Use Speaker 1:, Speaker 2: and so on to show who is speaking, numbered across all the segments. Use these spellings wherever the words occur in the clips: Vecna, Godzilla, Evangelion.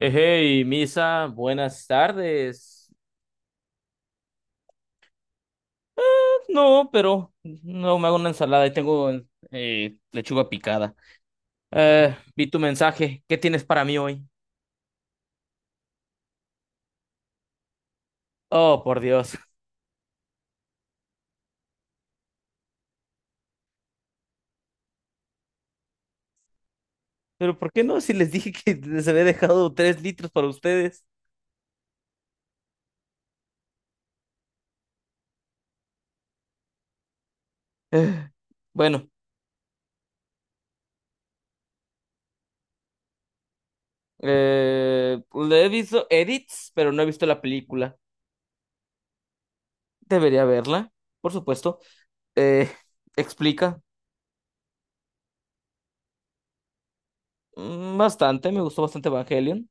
Speaker 1: Hey, Misa, buenas tardes. No, pero no me hago una ensalada y tengo lechuga picada. Vi tu mensaje. ¿Qué tienes para mí hoy? Oh, por Dios. Pero ¿por qué no? Si les dije que les había dejado tres litros para ustedes. Eh, Bueno, pues, le he visto edits, pero no he visto la película. Debería verla, por supuesto. Eh, explica mm, bastante, me gustó bastante Evangelion.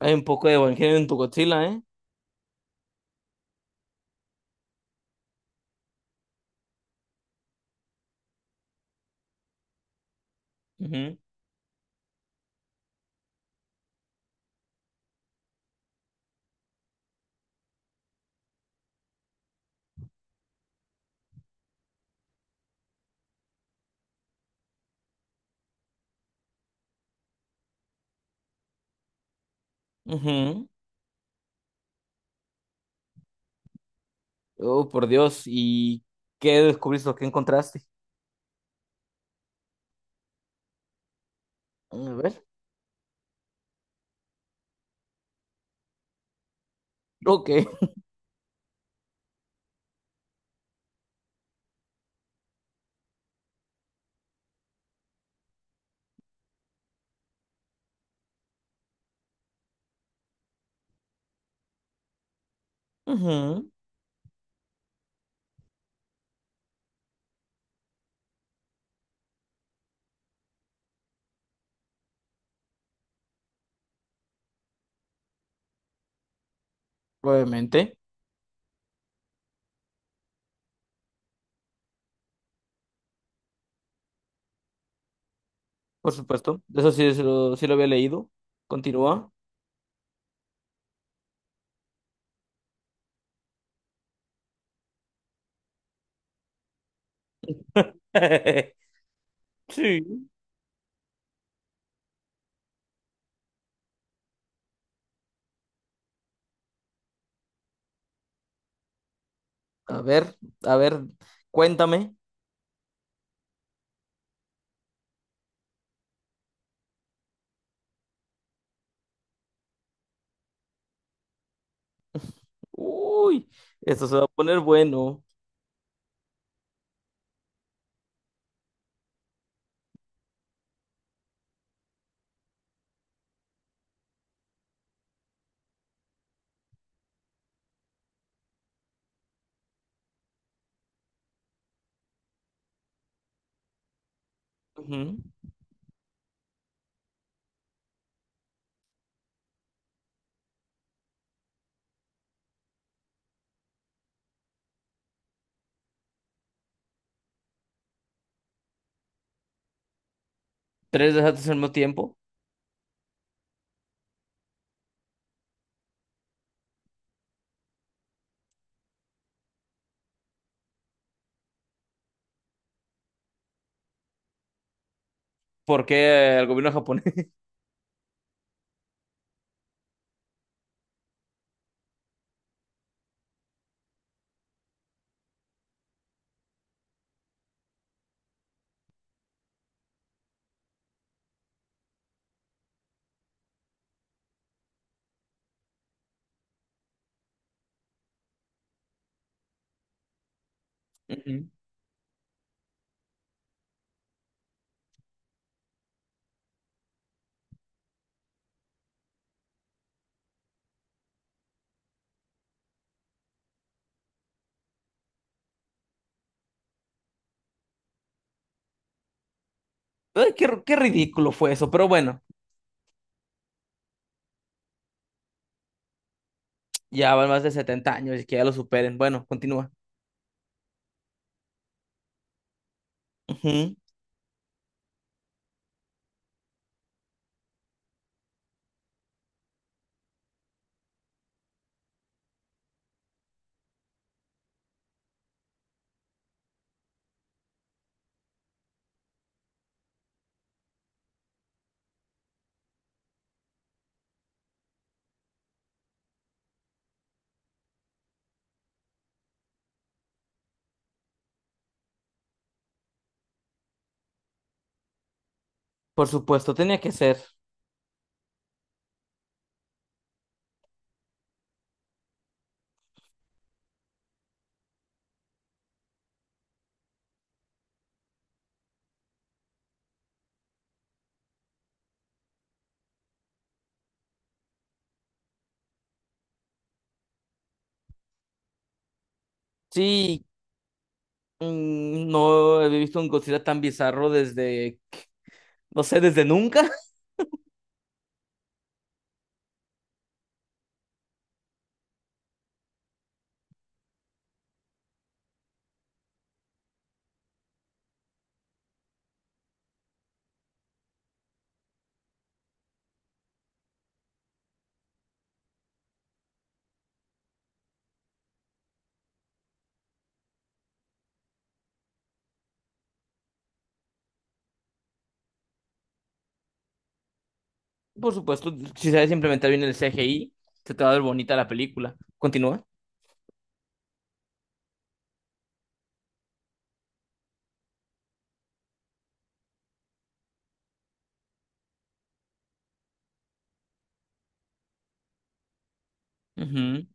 Speaker 1: Hay un poco de Evangelion en tu Godzilla, ¿eh? Ujú. Ujú. Oh, por Dios. ¿Y qué descubriste o qué encontraste? A ver. Ok, ujú. Probablemente. Por supuesto. Eso sí, sí lo había leído. Continúa. Sí. A ver, a ver, cuéntame. Uy, esto se va a poner bueno. Ujú. Tres desastres al mismo tiempo. ¿Por qué el gobierno japonés? Ujú. Ay, qué, qué ridículo fue eso. Pero bueno, ya van más de 70 años y que ya lo superen. Bueno, continúa. Por supuesto, tenía que ser. Sí, mm, no había visto un Godzilla tan bizarro desde, no sé, desde nunca. Por supuesto, si sabes implementar bien el CGI, se te va a ver bonita la película. Continúa. Ujú.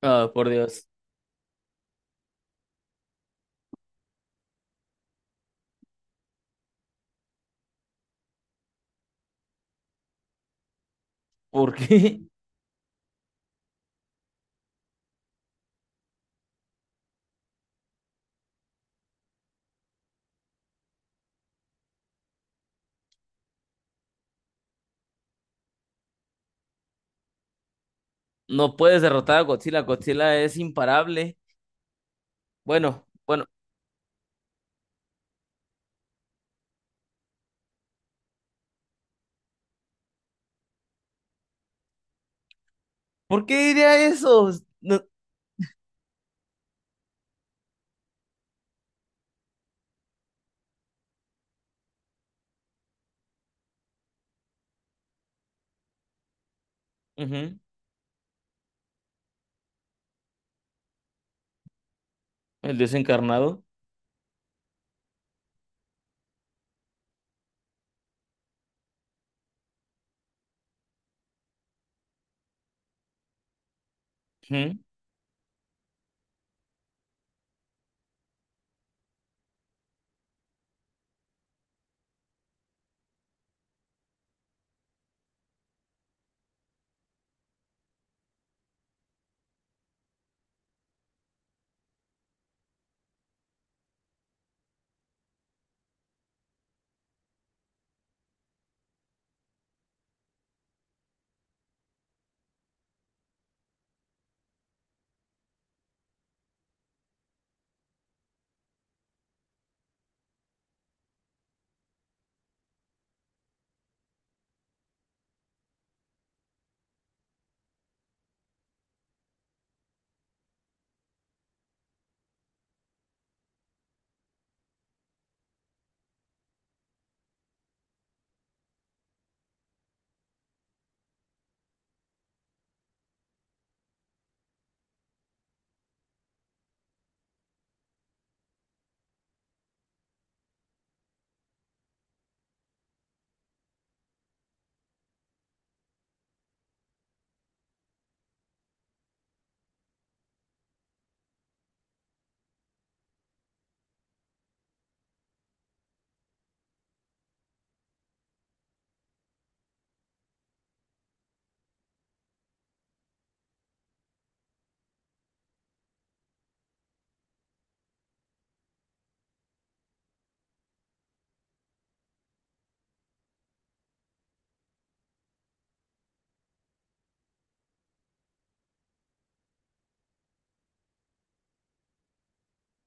Speaker 1: Ah, por Dios. ¿Por qué? No puedes derrotar a Godzilla. Godzilla es imparable. Bueno, bueno, ¿Por qué diría eso? No- Ujú. El dios encarnado.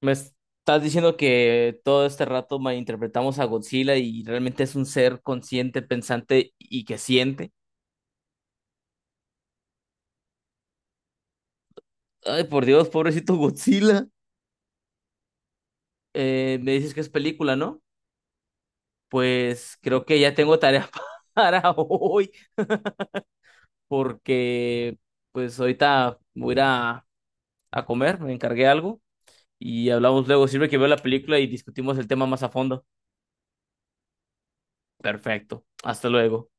Speaker 1: Me estás diciendo que todo este rato malinterpretamos a Godzilla y realmente es un ser consciente, pensante y que siente. Ay, por Dios, pobrecito Godzilla. Me dices que es película, ¿no? Pues creo que ya tengo tarea para hoy porque pues ahorita voy a ir a comer, me encargué algo y hablamos luego. Sirve que veo la película y discutimos el tema más a fondo. Perfecto. Hasta luego.